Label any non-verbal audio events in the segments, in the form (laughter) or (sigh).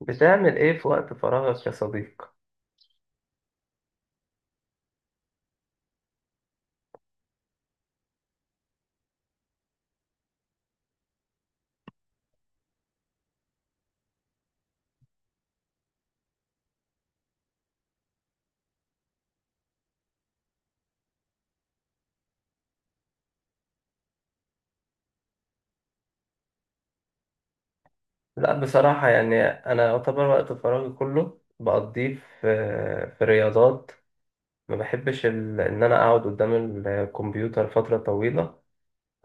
بتعمل ايه في وقت فراغك يا صديق؟ لا بصراحة، يعني انا يعتبر وقت فراغي كله بقضيه في في رياضات. ما بحبش ال... ان انا اقعد قدام الكمبيوتر فترة طويلة،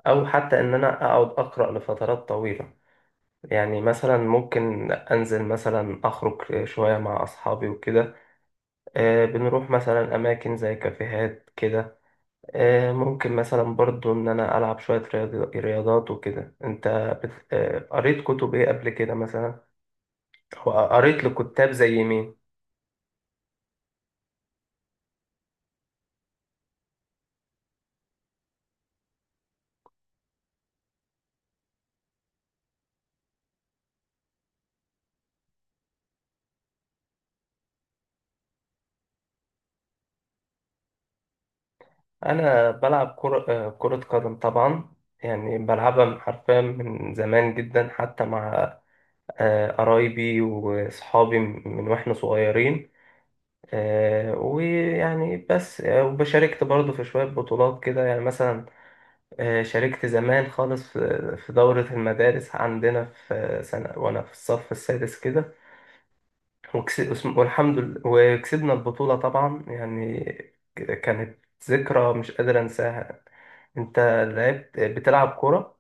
او حتى ان انا اقعد اقرأ لفترات طويلة. يعني مثلا ممكن انزل، مثلا اخرج شوية مع اصحابي وكده. بنروح مثلا اماكن زي كافيهات كده. ممكن مثلا برضو إن أنا ألعب شوية رياضات وكده. أنت بت... آه، قريت كتب إيه قبل كده مثلا؟ أو قريت لكتاب زي مين؟ أنا بلعب كرة، كرة قدم طبعا. يعني بلعبها حرفيا من زمان جدا، حتى مع قرايبي وأصحابي من وإحنا صغيرين. آه، ويعني بس آه، وبشاركت برضو في شوية بطولات كده. يعني مثلا شاركت زمان خالص في دورة المدارس عندنا في سنة وأنا في الصف السادس كده. وكس- والحمد لله وكسبنا البطولة طبعا. يعني كانت ذكرى مش قادر أنساها. أنت لعبت، بتلعب كرة؟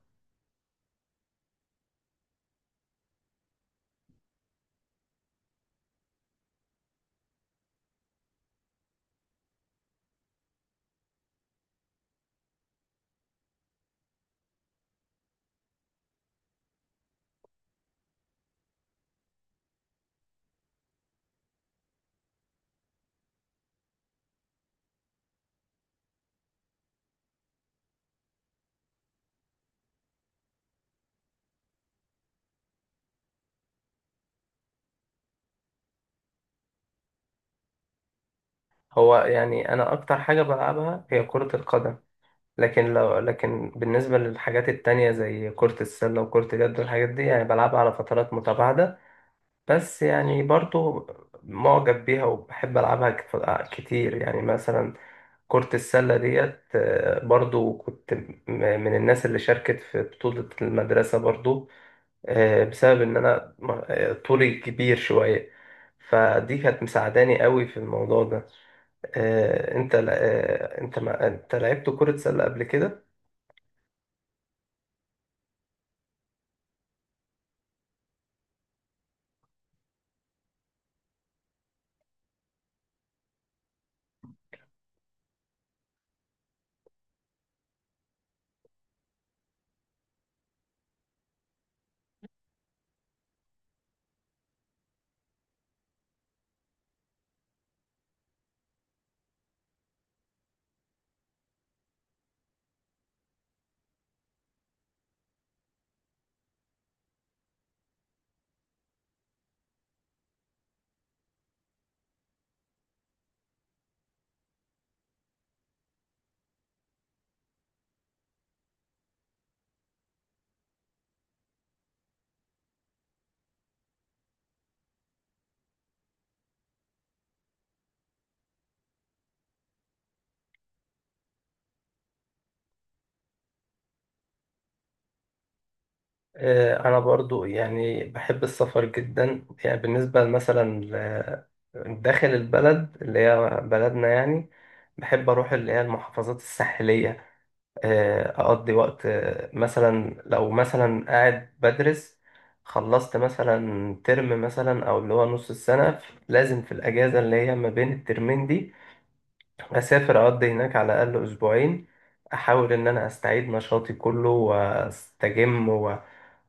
هو يعني أنا أكتر حاجة بلعبها هي كرة القدم، لكن بالنسبة للحاجات التانية زي كرة السلة وكرة اليد والحاجات دي، يعني بلعبها على فترات متباعدة. بس يعني برضو معجب بيها وبحب ألعبها كتير. يعني مثلا كرة السلة ديت، برضو كنت من الناس اللي شاركت في بطولة المدرسة برضو، بسبب إن أنا طولي كبير شوية، فدي كانت مساعداني قوي في الموضوع ده. آه، أنت ل- آه، أنت ما أنت لعبت كرة سلة قبل كده؟ أنا برضو يعني بحب السفر جدا. يعني بالنسبة مثلا داخل البلد اللي هي بلدنا، يعني بحب أروح اللي هي المحافظات الساحلية. أقضي وقت، مثلا لو مثلا قاعد بدرس، خلصت مثلا ترم مثلا أو اللي هو نص السنة، لازم في الأجازة اللي هي ما بين الترمين دي أسافر أقضي هناك على الأقل أسبوعين. أحاول إن أنا أستعيد نشاطي كله وأستجم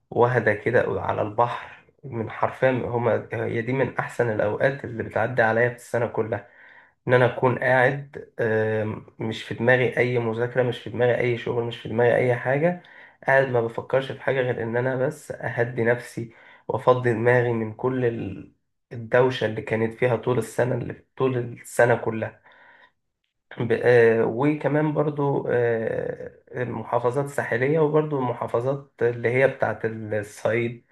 واحدة كده على البحر. من حرفيا هما هي دي من أحسن الأوقات اللي بتعدي عليا في السنة كلها، إن أنا أكون قاعد مش في دماغي أي مذاكرة، مش في دماغي أي شغل، مش في دماغي أي حاجة. قاعد ما بفكرش في حاجة غير إن أنا بس أهدي نفسي وأفضي دماغي من كل الدوشة اللي كانت فيها طول السنة، اللي طول السنة كلها. وكمان برضو المحافظات الساحلية، وبرضو المحافظات اللي هي بتاعت الصعيد،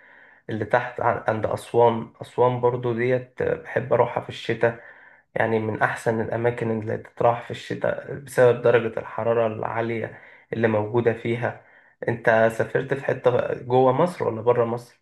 اللي تحت عند أسوان. أسوان برضو ديت بحب أروحها في الشتاء، يعني من أحسن الأماكن اللي تتراح في الشتاء بسبب درجة الحرارة العالية اللي موجودة فيها. أنت سافرت في حتة جوه مصر ولا بره مصر؟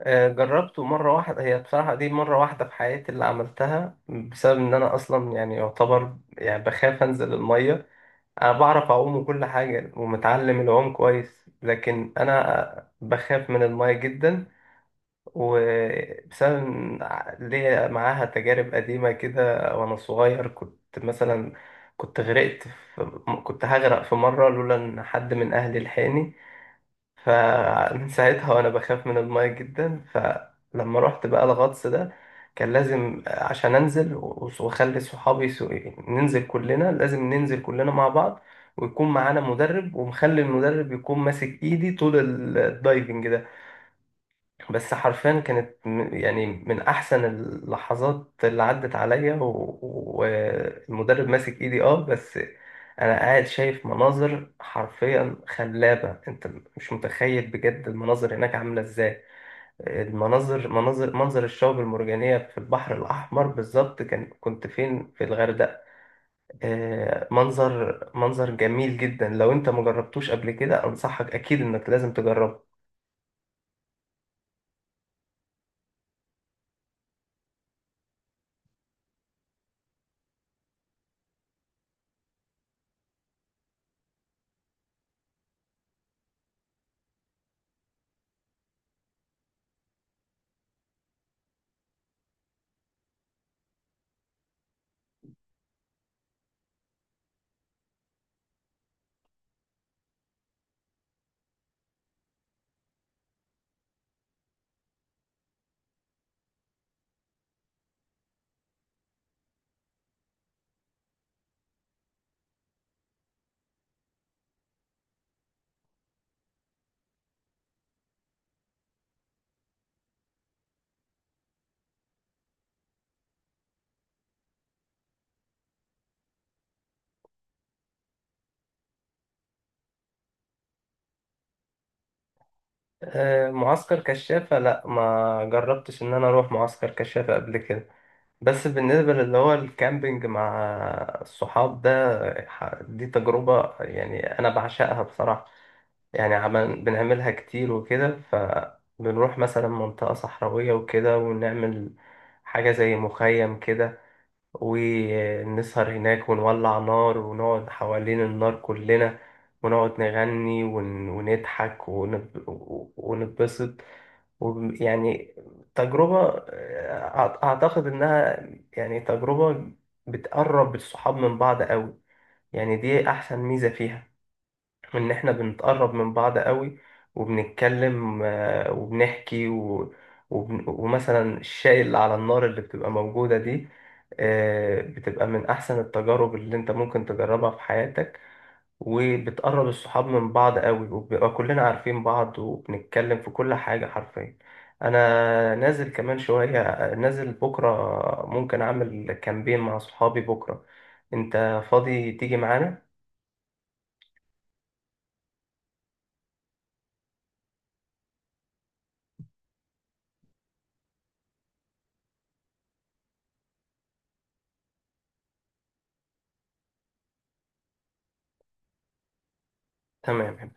جربته مرة واحدة. هي بصراحة دي مرة واحدة في حياتي اللي عملتها، بسبب إن أنا أصلا يعني يعتبر يعني بخاف أنزل المية. أنا بعرف أعوم وكل حاجة ومتعلم العوم كويس، لكن أنا بخاف من المية جدا، وبسبب إن ليا معاها تجارب قديمة كده. وأنا صغير كنت مثلا كنت غرقت في كنت هغرق في مرة لولا إن حد من أهلي لحقني. فمن (laughs) ساعتها وأنا بخاف من الماية جدا. فلما رحت بقى الغطس ده، كان لازم عشان أنزل وأخلي صحابي ننزل كلنا، لازم ننزل كلنا مع بعض، ويكون معانا مدرب، ومخلي المدرب يكون ماسك إيدي طول الدايفنج ده. بس حرفيا يعني من احسن اللحظات اللي عدت عليا، و- والمدرب ماسك ايدي. اه بس انا قاعد شايف مناظر حرفيا خلابة. انت مش متخيل بجد المناظر هناك عاملة ازاي. المناظر مناظر منظر الشعب المرجانية في البحر الأحمر. بالظبط كان كنت فين؟ في الغردقة. منظر جميل جدا. لو انت مجربتوش قبل كده، أنصحك أكيد إنك لازم تجربه. معسكر كشافة، لا ما جربتش ان انا اروح معسكر كشافة قبل كده. بس بالنسبة للي هو الكامبينج مع الصحاب ده، دي تجربة يعني انا بعشقها بصراحة. يعني بنعملها كتير وكده. فبنروح مثلا منطقة صحراوية وكده، ونعمل حاجة زي مخيم كده، ونسهر هناك ونولع نار، ونقعد حوالين النار كلنا ونقعد نغني، ونضحك، ونتبسط. وب- يعني تجربة أعتقد إنها يعني تجربة بتقرب الصحاب من بعض أوي. يعني دي أحسن ميزة فيها، ان احنا بنتقرب من بعض قوي، وبنتكلم، وبنحكي ومثلا الشاي اللي على النار اللي بتبقى موجودة دي، بتبقى من احسن التجارب اللي انت ممكن تجربها في حياتك. وبتقرب الصحاب من بعض قوي، وبنبقى كلنا عارفين بعض، وبنتكلم في كل حاجة حرفيا. انا نازل كمان شوية، نازل بكرة، ممكن اعمل كامبين مع صحابي بكرة. انت فاضي تيجي معانا؟ تمام.